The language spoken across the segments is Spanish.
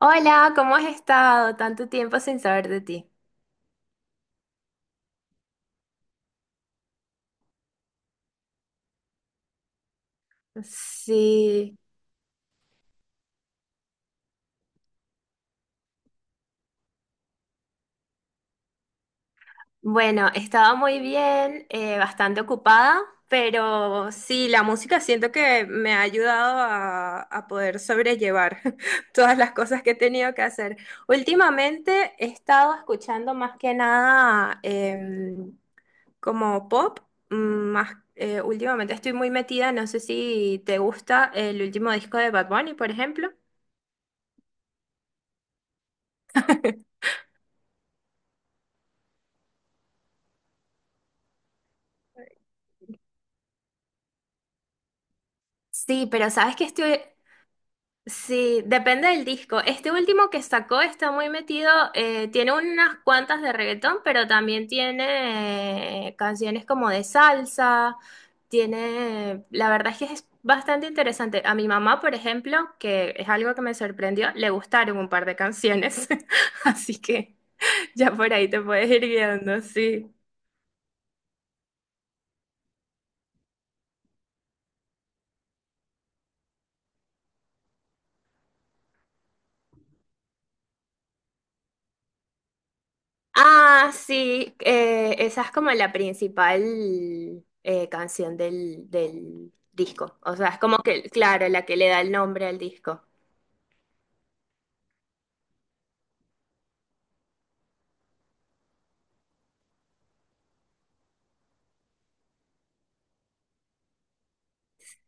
Hola, ¿cómo has estado? Tanto tiempo sin saber de ti. Sí, bueno, he estado muy bien, bastante ocupada, pero sí, la música siento que me ha ayudado a poder sobrellevar todas las cosas que he tenido que hacer. Últimamente he estado escuchando más que nada como pop, mm, más, últimamente estoy muy metida, no sé si te gusta el último disco de Bad Bunny, por ejemplo. Sí, pero sabes que estoy. Sí, depende del disco. Este último que sacó está muy metido, tiene unas cuantas de reggaetón, pero también tiene canciones como de salsa, tiene, la verdad es que es bastante interesante. A mi mamá, por ejemplo, que es algo que me sorprendió, le gustaron un par de canciones, así que ya por ahí te puedes ir guiando, sí. Ah, sí, esa es como la principal canción del disco. O sea, es como que, claro, la que le da el nombre al disco.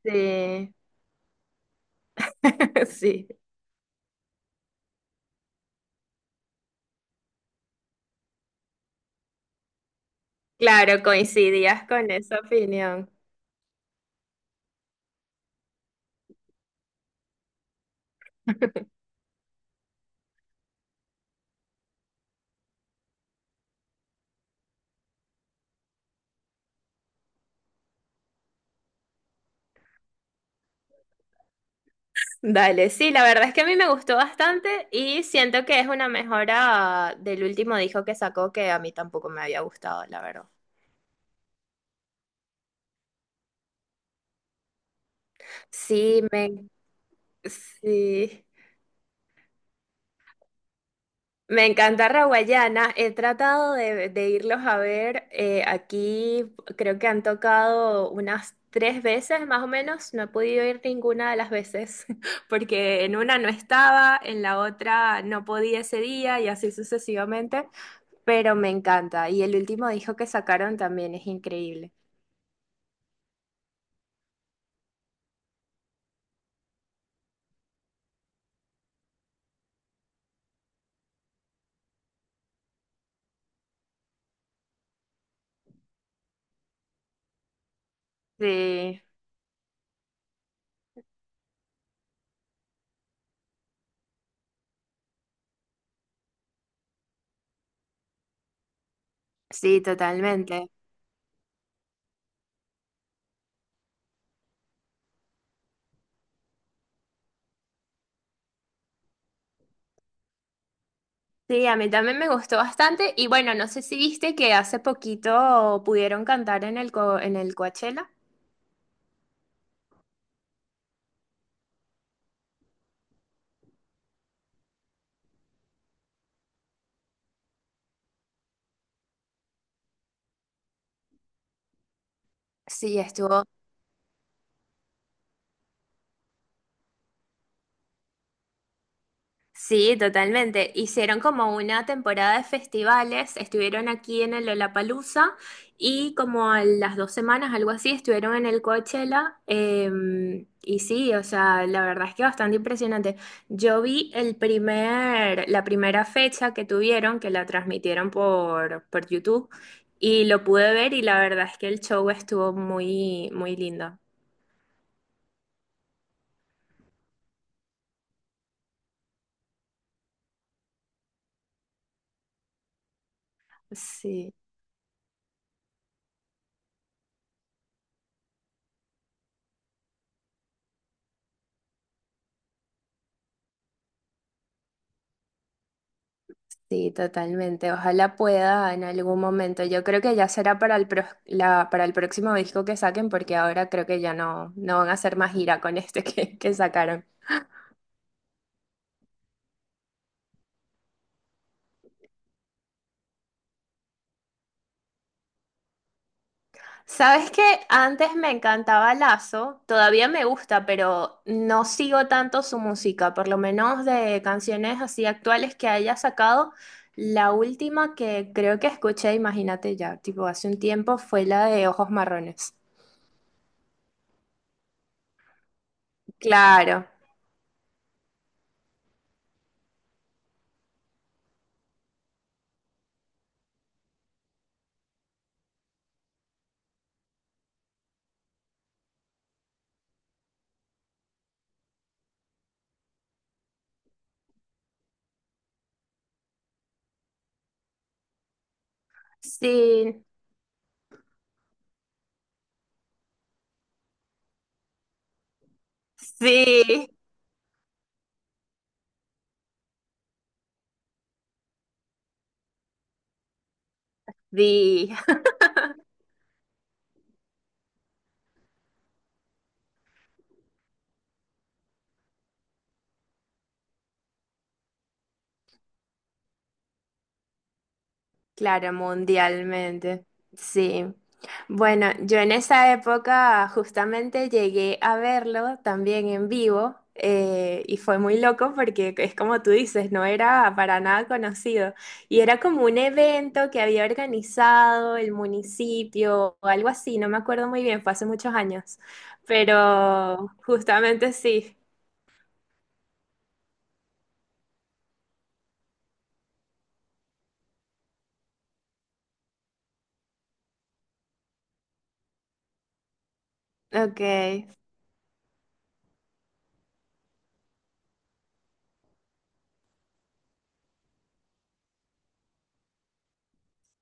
Sí, sí. Claro, coincidías con esa opinión. Dale, sí, la verdad es que a mí me gustó bastante y siento que es una mejora del último disco que sacó que a mí tampoco me había gustado, la verdad. Sí, me... Sí. Me encanta Raguayana. He tratado de irlos a ver. Aquí creo que han tocado unas 3 veces más o menos. No he podido ir ninguna de las veces porque en una no estaba, en la otra no podía ese día y así sucesivamente. Pero me encanta. Y el último disco que sacaron también es increíble. Sí, sí, totalmente. Sí, a mí también me gustó bastante. Y bueno, no sé si viste que hace poquito pudieron cantar en el, en el Coachella. Sí, estuvo. Sí, totalmente. Hicieron como una temporada de festivales, estuvieron aquí en el Lollapalooza y como a las 2 semanas, algo así, estuvieron en el Coachella. Y sí, o sea, la verdad es que bastante impresionante. Yo vi la primera fecha que tuvieron, que la transmitieron por YouTube y lo pude ver y la verdad es que el show estuvo muy, muy lindo. Sí. Sí, totalmente. Ojalá pueda en algún momento. Yo creo que ya será para el, para el próximo disco que saquen, porque ahora creo que ya no, no van a hacer más gira con este que sacaron. Sabes que antes me encantaba Lazo, todavía me gusta, pero no sigo tanto su música, por lo menos de canciones así actuales que haya sacado. La última que creo que escuché, imagínate ya, tipo hace un tiempo, fue la de Ojos Marrones. Claro, sí, sí. Sí, claro, mundialmente. Sí. Bueno, yo en esa época justamente llegué a verlo también en vivo y fue muy loco porque es como tú dices, no era para nada conocido y era como un evento que había organizado el municipio o algo así, no me acuerdo muy bien, fue hace muchos años, pero justamente sí. Ok,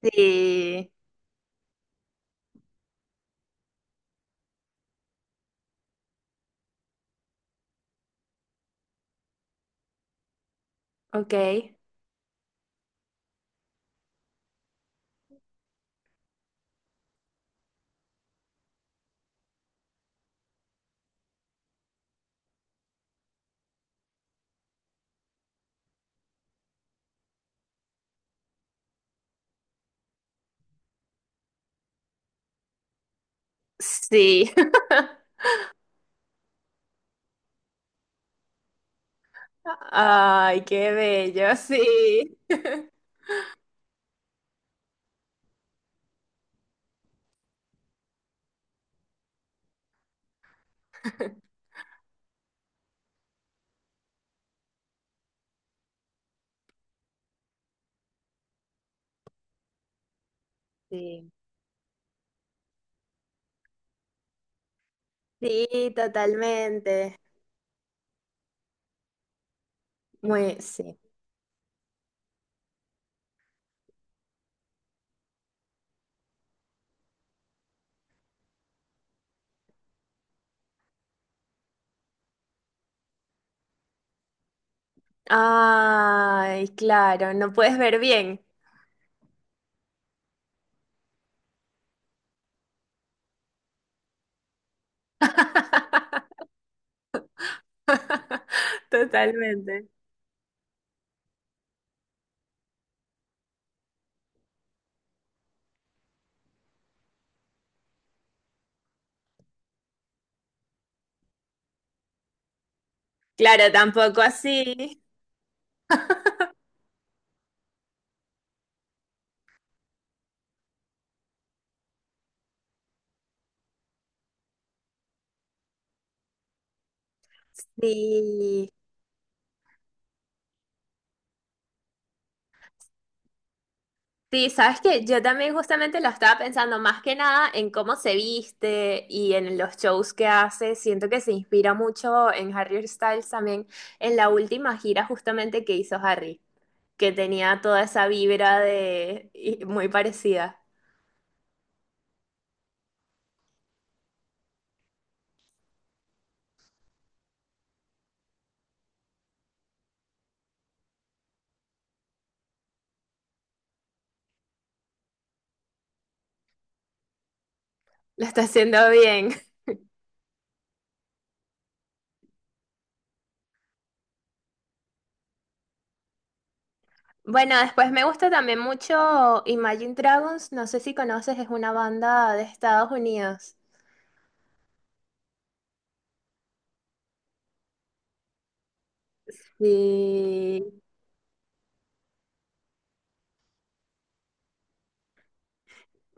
sí, ok, sí. Ay, qué bello, sí. Sí. Sí, totalmente. Muy, sí. Ay, claro, no puedes ver bien. Totalmente. Claro, tampoco así. Sí. Sí, sabes que yo también justamente lo estaba pensando más que nada en cómo se viste y en los shows que hace. Siento que se inspira mucho en Harry Styles también, en la última gira justamente que hizo Harry, que tenía toda esa vibra de y muy parecida. Lo está haciendo bien. Bueno, después me gusta también mucho Imagine Dragons, no sé si conoces, es una banda de Estados Unidos. Sí.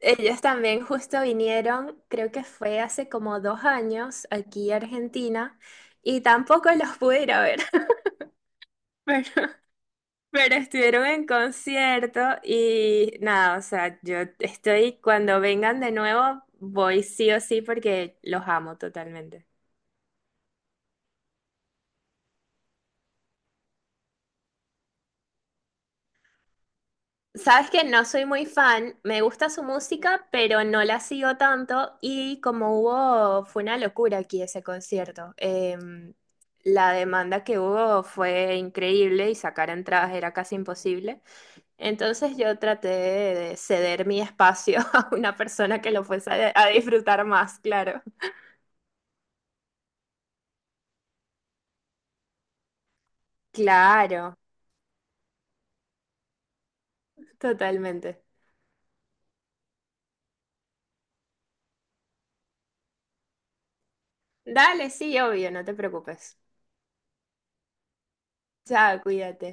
Ellos también justo vinieron, creo que fue hace como 2 años aquí a Argentina y tampoco los pude ir a ver, pero, pero estuvieron en concierto y nada, o sea, yo estoy, cuando vengan de nuevo, voy sí o sí porque los amo totalmente. Sabes que no soy muy fan, me gusta su música, pero no la sigo tanto y como hubo, fue una locura aquí ese concierto. La demanda que hubo fue increíble y sacar entradas era casi imposible. Entonces yo traté de ceder mi espacio a una persona que lo fuese a disfrutar más, claro. Claro, totalmente. Dale, sí, obvio, no te preocupes. Chao, cuídate.